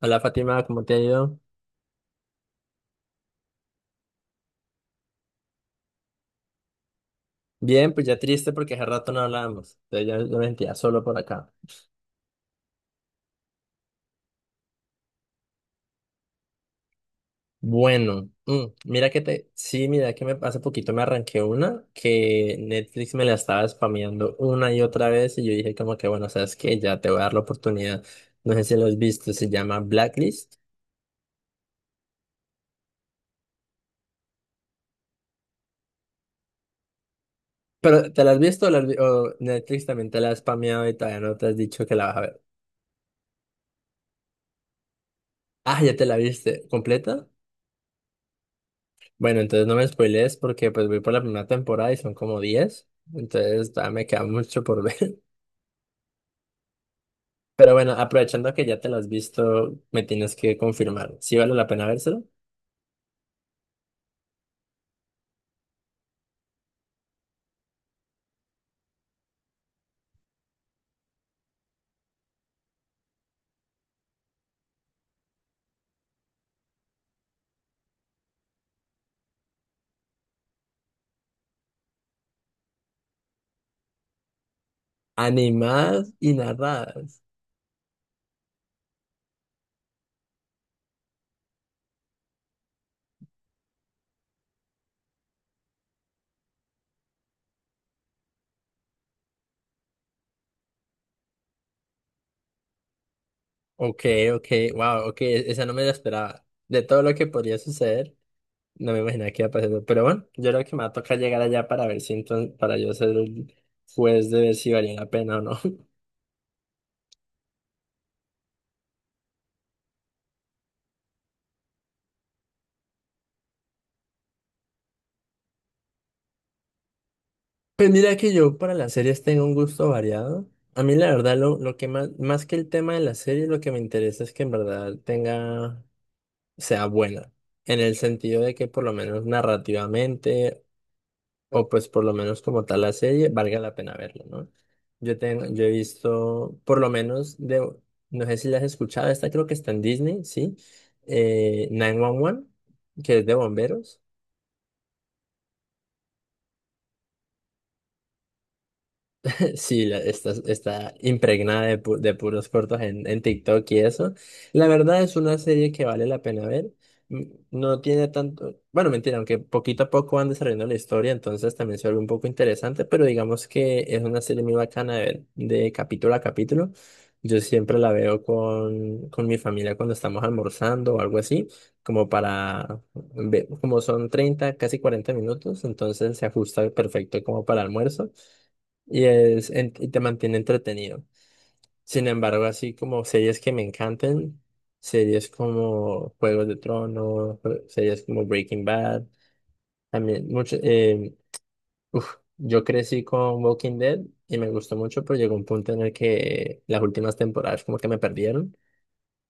Hola Fátima, ¿cómo te ha ido? Bien, pues ya triste porque hace rato no hablábamos. Entonces ya yo me sentía solo por acá. Bueno, mira que te. Sí, mira que me hace poquito me arranqué una que Netflix me la estaba spameando una y otra vez. Y yo dije, como que bueno, sabes que ya te voy a dar la oportunidad. No sé si lo has visto, se llama Blacklist. Pero ¿te la has visto o, o Netflix también te la ha spameado y todavía no te has dicho que la vas a ver? Ah, ya te la viste completa. Bueno, entonces no me spoilees porque pues voy por la primera temporada y son como diez, entonces todavía me queda mucho por ver. Pero bueno, aprovechando que ya te las has visto, me tienes que confirmar. ¿Sí vale la pena vérselo? Animadas y narradas. Ok, ok, wow, ok, esa no me la esperaba. De todo lo que podría suceder, no me imaginaba que iba a pasar eso. Pero bueno, yo creo que me va a tocar llegar allá para ver si entonces, para yo ser el juez de ver si valía la pena o no. Pues mira que yo para las series tengo un gusto variado. A mí la verdad lo que más, más que el tema de la serie, lo que me interesa es que en verdad tenga, sea buena. En el sentido de que por lo menos narrativamente, o pues por lo menos como tal la serie, valga la pena verla, ¿no? Yo he visto, por lo menos de, no sé si la has escuchado, esta creo que está en Disney, ¿sí? 911, que es de bomberos. Sí, está, está impregnada de, de puros cortos en TikTok y eso. La verdad es una serie que vale la pena ver. No tiene tanto, bueno, mentira, aunque poquito a poco van desarrollando la historia, entonces también se vuelve un poco interesante, pero digamos que es una serie muy bacana de ver de capítulo a capítulo. Yo siempre la veo con mi familia cuando estamos almorzando o algo así, como para, como son 30, casi 40 minutos, entonces se ajusta perfecto como para almuerzo y, es, y te mantiene entretenido. Sin embargo, así como series que me encantan, series como Juegos de Tronos, series como Breaking Bad, también mucho, yo crecí con Walking Dead y me gustó mucho, pero llegó un punto en el que las últimas temporadas como que me perdieron.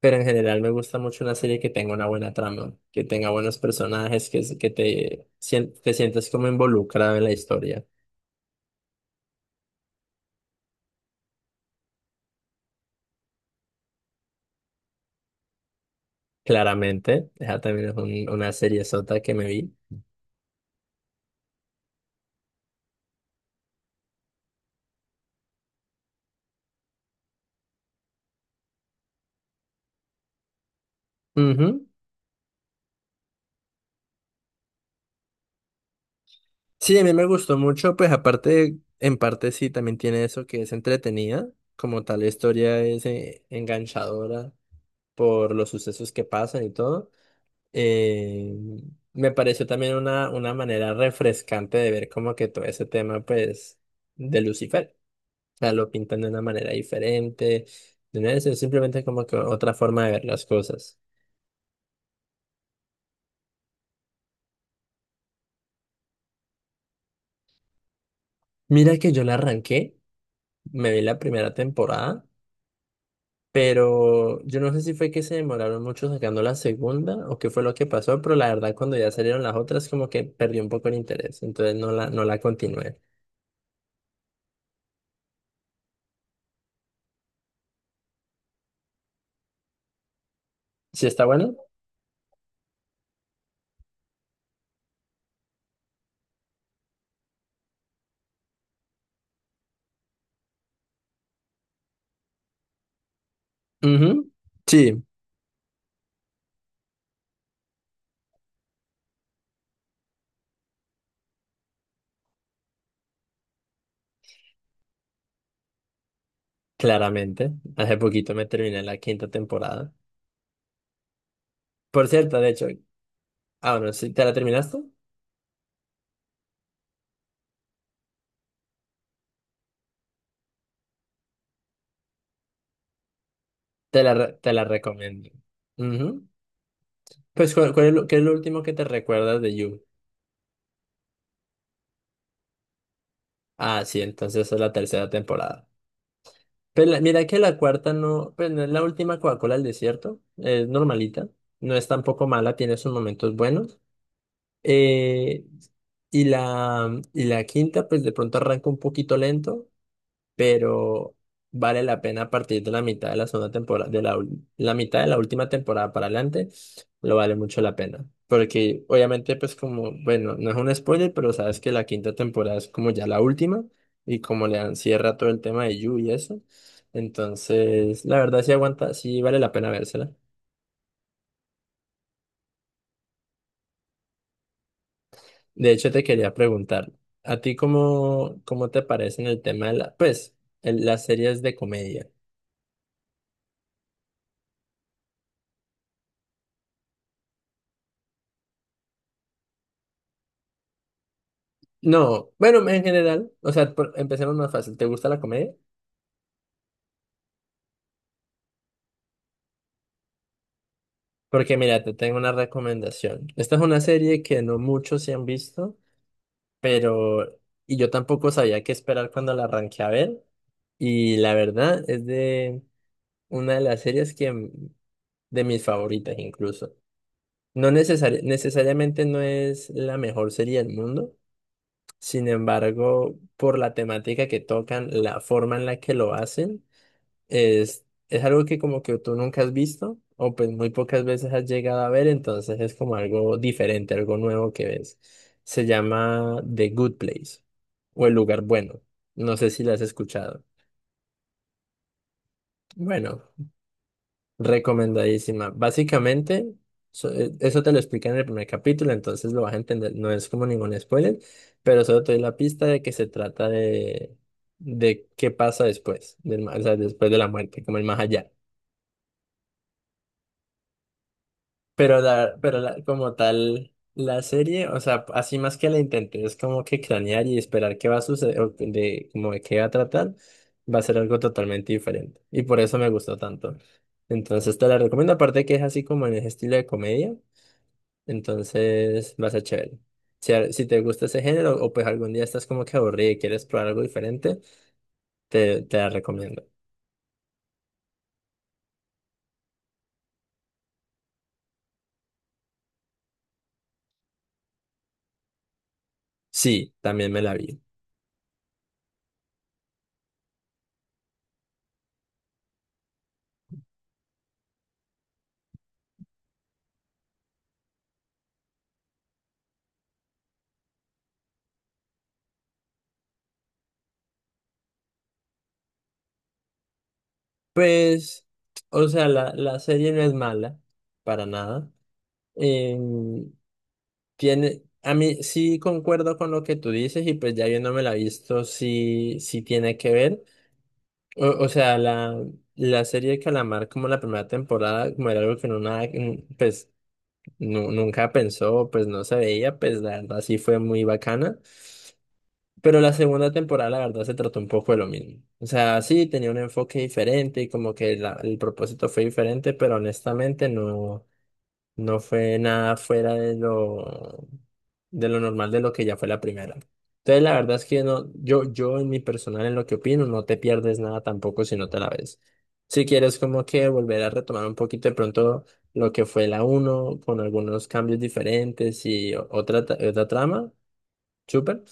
Pero en general me gusta mucho una serie que tenga una buena trama, que tenga buenos personajes, que, que te, te sientas como involucrado en la historia. Claramente, esa también es una serie sota que me vi. Ujú. Sí, a mí me gustó mucho, pues aparte, en parte sí, también tiene eso que es entretenida, como tal la historia es enganchadora por los sucesos que pasan y todo. Eh, me pareció también una manera refrescante de ver como que todo ese tema, pues, de Lucifer. O sea, lo pintan de una manera diferente, de una vez, es simplemente como que otra forma de ver las cosas. Mira que yo la arranqué, me vi la primera temporada. Pero yo no sé si fue que se demoraron mucho sacando la segunda o qué fue lo que pasó, pero la verdad cuando ya salieron las otras como que perdí un poco el interés, entonces no la continué. ¿Sí está bueno? Ujú. Sí, claramente. Hace poquito me terminé la quinta temporada. Por cierto, de hecho, ah, bueno, si te la terminaste, te la recomiendo. Ujú. Pues, ¿cuál es lo, qué es lo último que te recuerdas de You? Ah, sí, entonces es la tercera temporada. Pero mira que la cuarta no, pues no es la última Coca-Cola del desierto, es normalita, no es tampoco mala, tiene sus momentos buenos. Eh, y la quinta, pues de pronto arranca un poquito lento, pero vale la pena a partir de la mitad de la segunda temporada, la mitad de la última temporada para adelante, lo vale mucho la pena. Porque obviamente, pues como, bueno, no es un spoiler, pero sabes que la quinta temporada es como ya la última y como le dan cierre a todo el tema de Yu y eso. Entonces, la verdad sí aguanta, sí vale la pena vérsela. De hecho, te quería preguntar, ¿a ti cómo te parece en el tema de la, pues, las series de comedia? No, bueno, en general, o sea, empecemos más fácil. ¿Te gusta la comedia? Porque mira, te tengo una recomendación. Esta es una serie que no muchos se han visto, pero... Y yo tampoco sabía qué esperar cuando la arranqué a ver. Y la verdad es de una de las series que de mis favoritas incluso. Necesariamente no es la mejor serie del mundo. Sin embargo, por la temática que tocan, la forma en la que lo hacen. Es algo que como que tú nunca has visto o pues muy pocas veces has llegado a ver, entonces es como algo diferente, algo nuevo que ves. Se llama The Good Place o El Lugar Bueno. No sé si la has escuchado. Bueno, recomendadísima. Básicamente, eso te lo explica en el primer capítulo, entonces lo vas a entender. No es como ningún spoiler, pero solo te doy la pista de que se trata de qué pasa después, o sea, después de la muerte, como el más allá. Como tal, la serie, o sea, así más que la intenté, es como que cranear y esperar qué va a suceder, o de, como de qué va a tratar, va a ser algo totalmente diferente. Y por eso me gustó tanto. Entonces te la recomiendo, aparte que es así como en ese estilo de comedia, entonces va a ser chévere. Si, si te gusta ese género, o pues algún día estás como que aburrido y quieres probar algo diferente, te la recomiendo. Sí, también me la vi. Pues, o sea, la serie no es mala, para nada. em, tiene, a mí sí concuerdo con lo que tú dices y pues ya yo no me la he visto, sí, sí tiene que ver. O, o sea, la, la serie de Calamar como la primera temporada, como era algo que no nada, pues nunca pensó, pues no se veía, pues la verdad sí fue muy bacana. Pero la segunda temporada la verdad se trató un poco de lo mismo. O sea, sí tenía un enfoque diferente y como que el propósito fue diferente, pero honestamente no. No fue nada fuera de lo normal de lo que ya fue la primera. Entonces, la verdad es que no, yo en mi personal, en lo que opino, no te pierdes nada tampoco si no te la ves. Si quieres como que volver a retomar un poquito de pronto lo que fue la uno con algunos cambios diferentes y otra trama, súper,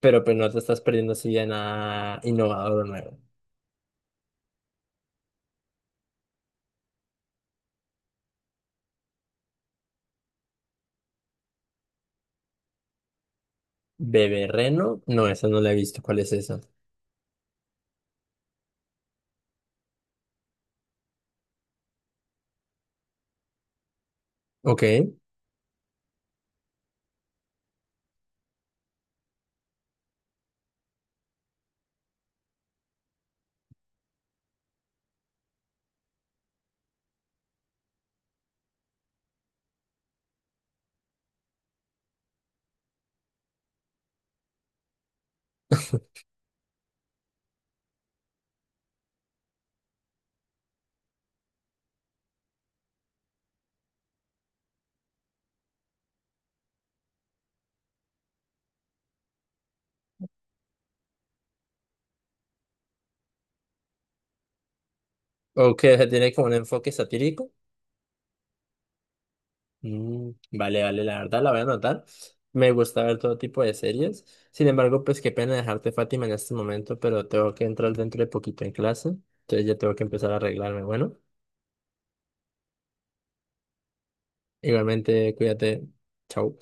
pero pues no te estás perdiendo así de nada innovador o nuevo. Bebé Reno, no, esa no la he visto, ¿cuál es esa? Ok, ok, tiene como un enfoque satírico. Mm, vale, vale, la verdad la voy a anotar. Me gusta ver todo tipo de series. Sin embargo, pues qué pena dejarte, Fátima, en este momento, pero tengo que entrar dentro de poquito en clase. Entonces ya tengo que empezar a arreglarme. Bueno, igualmente, cuídate. Chao.